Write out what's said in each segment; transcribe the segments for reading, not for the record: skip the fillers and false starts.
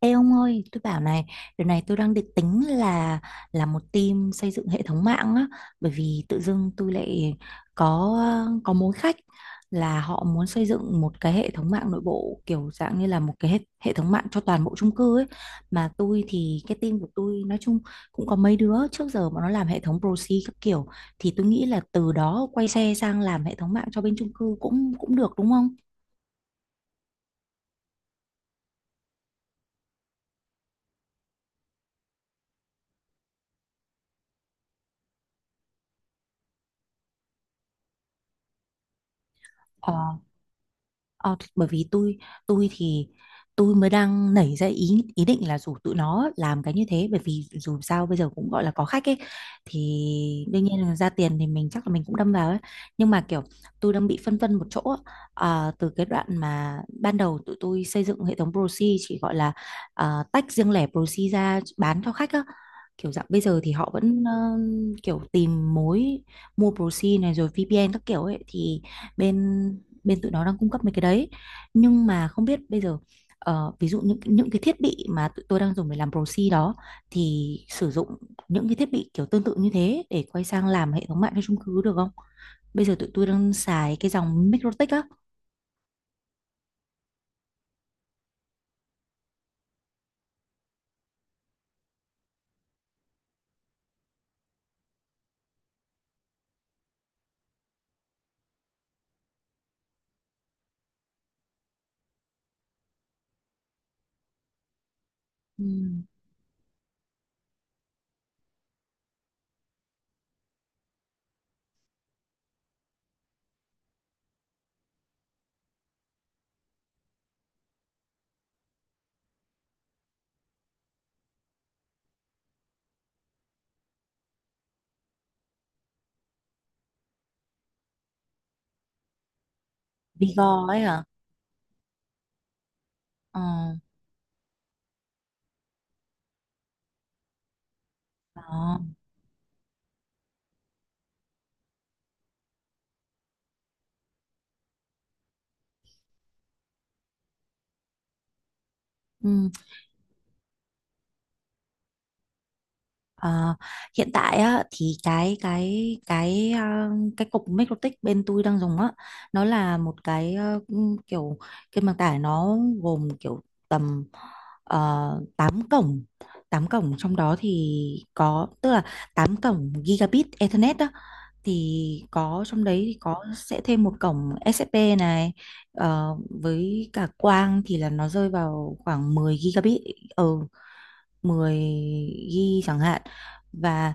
Ê ông ơi, tôi bảo này, điều này tôi đang định tính là một team xây dựng hệ thống mạng á, bởi vì tự dưng tôi lại có có mối khách là họ muốn xây dựng một cái hệ thống mạng nội bộ kiểu dạng như là một cái hệ thống mạng cho toàn bộ chung cư ấy. Mà tôi thì cái team của tôi nói chung cũng có mấy đứa trước giờ mà nó làm hệ thống proxy các kiểu thì tôi nghĩ là từ đó quay xe sang làm hệ thống mạng cho bên chung cư cũng cũng được đúng không? Ờ thì bởi vì tôi thì tôi mới đang nảy ra ý ý định là rủ tụi nó làm cái như thế bởi vì dù sao bây giờ cũng gọi là có khách ấy thì đương nhiên là ra tiền thì mình chắc là mình cũng đâm vào ấy nhưng mà kiểu tôi đang bị phân vân một chỗ á. Từ cái đoạn mà ban đầu tụi tôi xây dựng hệ thống proxy chỉ gọi là tách riêng lẻ proxy ra bán cho khách á, kiểu dạng bây giờ thì họ vẫn kiểu tìm mối mua proxy này rồi VPN các kiểu ấy thì bên bên tụi nó đang cung cấp mấy cái đấy. Nhưng mà không biết bây giờ, ví dụ những cái thiết bị mà tụi tôi đang dùng để làm proxy đó thì sử dụng những cái thiết bị kiểu tương tự như thế để quay sang làm hệ thống mạng cho chung cư được không. Bây giờ tụi tôi đang xài cái dòng Mikrotik á. Ừ. Vigo ấy à? Ờ. đó ừ. Ờ, hiện tại á, thì cái cái cục Mikrotik bên tôi đang dùng á, nó là một cái kiểu kênh bằng tải. Nó gồm kiểu tầm 8 cổng, 8 cổng, trong đó thì tức là 8 cổng gigabit Ethernet đó. Thì có trong đấy thì có sẽ thêm một cổng SFP này, ờ, với cả quang thì là nó rơi vào khoảng 10 gigabit, ừ, 10 GB chẳng hạn. Và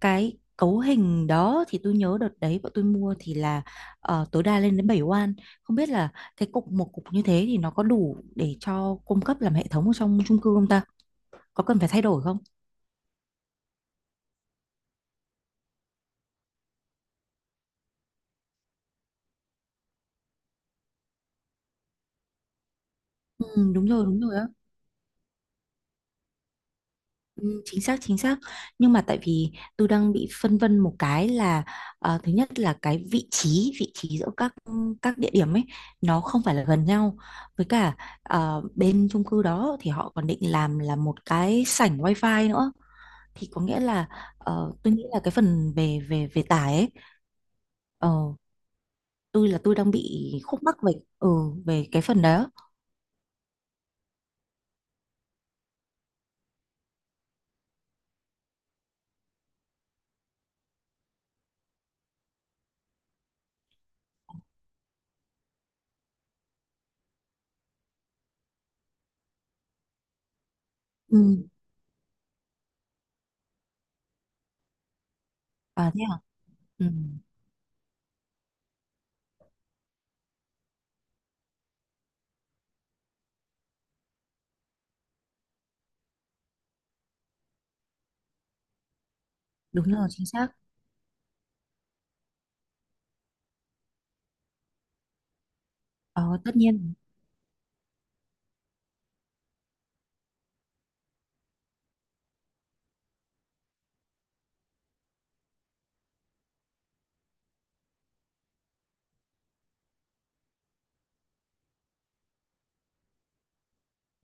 cái cấu hình đó thì tôi nhớ đợt đấy bọn tôi mua thì là, tối đa lên đến 7 oan. Không biết là cái cục một cục như thế thì nó có đủ để cho cung cấp làm hệ thống ở trong chung cư không ta, có cần phải thay đổi không? Ừ, đúng rồi á. Ừ, chính xác chính xác. Nhưng mà tại vì tôi đang bị phân vân một cái là, thứ nhất là cái vị trí giữa các địa điểm ấy nó không phải là gần nhau. Với cả bên chung cư đó thì họ còn định làm là một cái sảnh wifi nữa, thì có nghĩa là tôi nghĩ là cái phần về về về tải ấy, ờ, tôi đang bị khúc mắc về, ừ, về cái phần đó. Ừ. À thế à. Ừ. Đúng rồi, chính xác. Ờ, tất nhiên.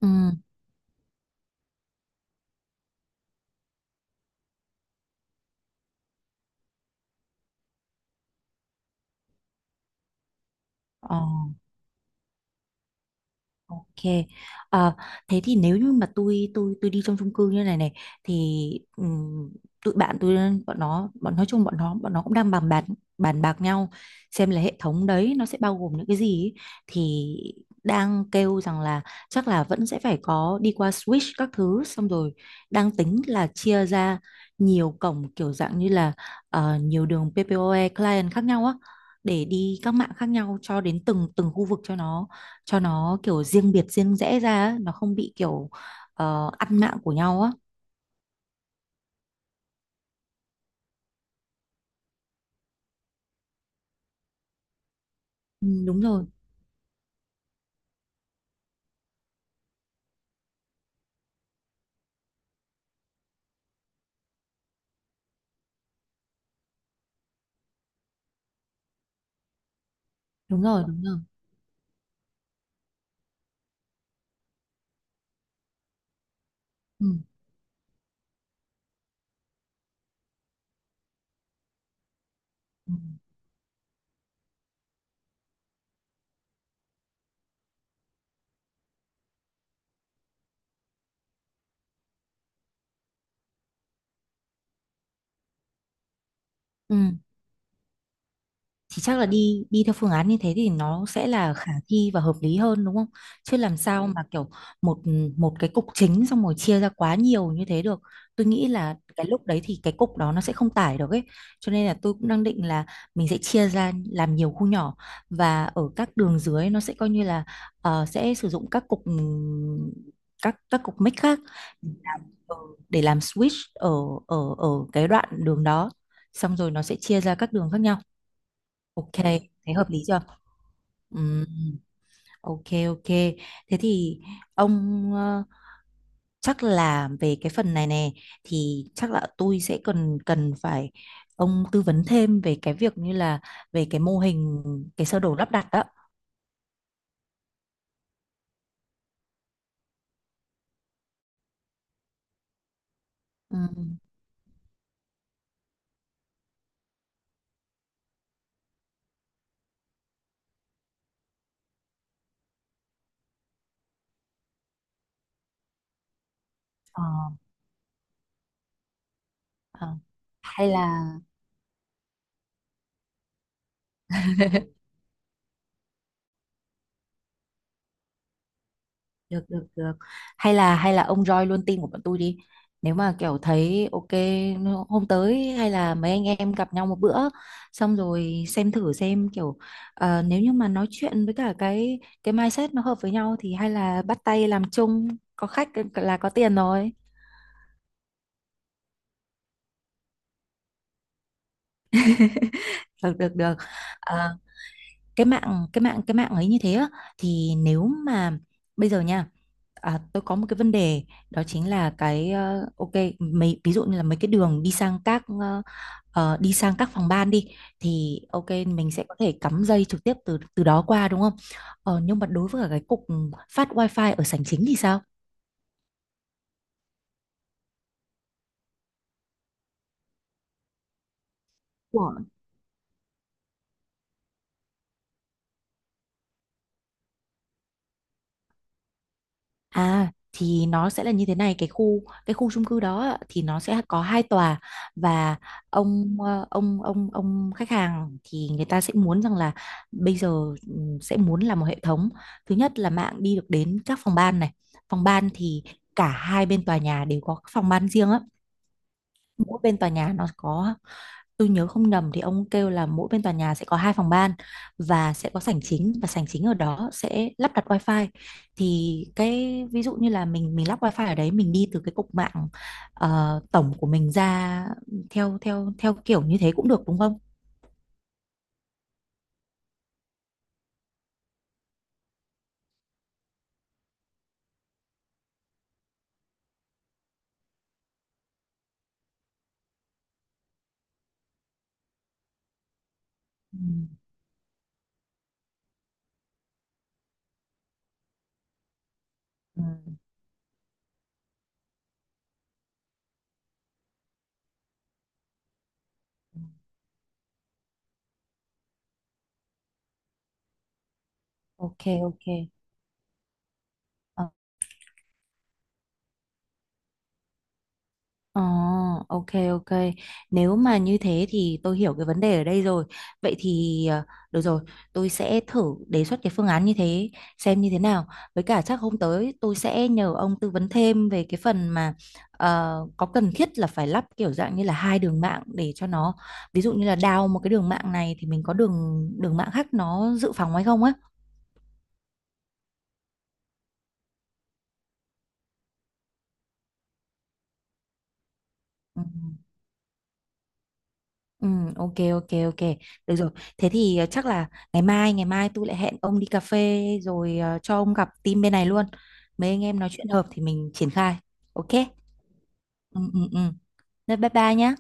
Ừ. Ờ. Ok. Ờ, thế thì nếu như mà tôi đi trong chung cư như này này thì, ừm, tụi bạn tôi, bọn nó bọn nói chung bọn nó cũng đang bàn bạc nhau xem là hệ thống đấy nó sẽ bao gồm những cái gì ấy. Thì đang kêu rằng là chắc là vẫn sẽ phải có đi qua switch các thứ, xong rồi đang tính là chia ra nhiều cổng, kiểu dạng như là nhiều đường PPOE client khác nhau á, để đi các mạng khác nhau cho đến từng từng khu vực, cho cho nó kiểu riêng biệt riêng rẽ ra á, nó không bị kiểu ăn mạng của nhau á. Ừ, đúng rồi đúng rồi đúng rồi. Ừ. Ừ. Ừ. Thì chắc là đi đi theo phương án như thế thì nó sẽ là khả thi và hợp lý hơn đúng không? Chứ làm sao, ừ, mà kiểu một một cái cục chính xong rồi chia ra quá nhiều như thế được. Tôi nghĩ là cái lúc đấy thì cái cục đó nó sẽ không tải được ấy. Cho nên là tôi cũng đang định là mình sẽ chia ra làm nhiều khu nhỏ, và ở các đường dưới nó sẽ coi như là sẽ sử dụng các cục, các cục mic khác để làm, ờ, để làm switch ở ở ở cái đoạn đường đó. Xong rồi nó sẽ chia ra các đường khác nhau. Ok, thấy hợp lý chưa? Ừm, ok ok. Thế thì ông, chắc là về cái phần này nè thì chắc là tôi sẽ cần cần phải ông tư vấn thêm về cái việc như là về cái mô hình, cái sơ đồ lắp đặt đó. Ừm. Ờ. Ờ. Hay là được được được, hay là ông join luôn team của bọn tôi đi, nếu mà kiểu thấy ok. Hôm tới hay là mấy anh em gặp nhau một bữa xong rồi xem thử xem kiểu nếu như mà nói chuyện với cả cái mindset nó hợp với nhau thì hay là bắt tay làm chung, có khách là có tiền rồi. Được được được. Ờ, cái mạng ấy như thế á, thì nếu mà bây giờ nha. À, tôi có một cái vấn đề, đó chính là cái, ok, mấy ví dụ như là mấy cái đường đi sang các, đi sang các phòng ban đi, thì ok mình sẽ có thể cắm dây trực tiếp từ từ đó qua đúng không? Ờ, nhưng mà đối với cả cái cục phát wifi ở sảnh chính thì sao? À thì nó sẽ là như thế này, cái khu chung cư đó ạ, thì nó sẽ có hai tòa. Và ông, ông khách hàng thì người ta sẽ muốn rằng là bây giờ, sẽ muốn là một hệ thống. Thứ nhất là mạng đi được đến các phòng ban này, phòng ban thì cả hai bên tòa nhà đều có các phòng ban riêng á, mỗi bên tòa nhà nó có, tôi nhớ không nhầm thì ông kêu là mỗi bên tòa nhà sẽ có hai phòng ban, và sẽ có sảnh chính và sảnh chính ở đó sẽ lắp đặt wifi. Thì cái ví dụ như là mình lắp wifi ở đấy, mình đi từ cái cục mạng tổng của mình ra theo theo theo kiểu như thế cũng được đúng không? Ừ, ừ. Ok ok. Ờ, ok ok. Nếu mà như thế thì tôi hiểu cái vấn đề ở đây rồi. Vậy thì, được rồi, tôi sẽ thử đề xuất cái phương án như thế xem như thế nào. Với cả chắc hôm tới tôi sẽ nhờ ông tư vấn thêm về cái phần mà, có cần thiết là phải lắp kiểu dạng như là hai đường mạng để cho nó ví dụ như là đào một cái đường mạng này thì mình có đường đường mạng khác nó dự phòng hay không á. Ừ. Ừ, ok ok ok, được rồi. Thế thì, chắc là ngày mai tôi lại hẹn ông đi cà phê, rồi cho ông gặp team bên này luôn, mấy anh em nói chuyện hợp thì mình triển khai. Ok. Ừ ừ ừ. Thế bye bye nhá.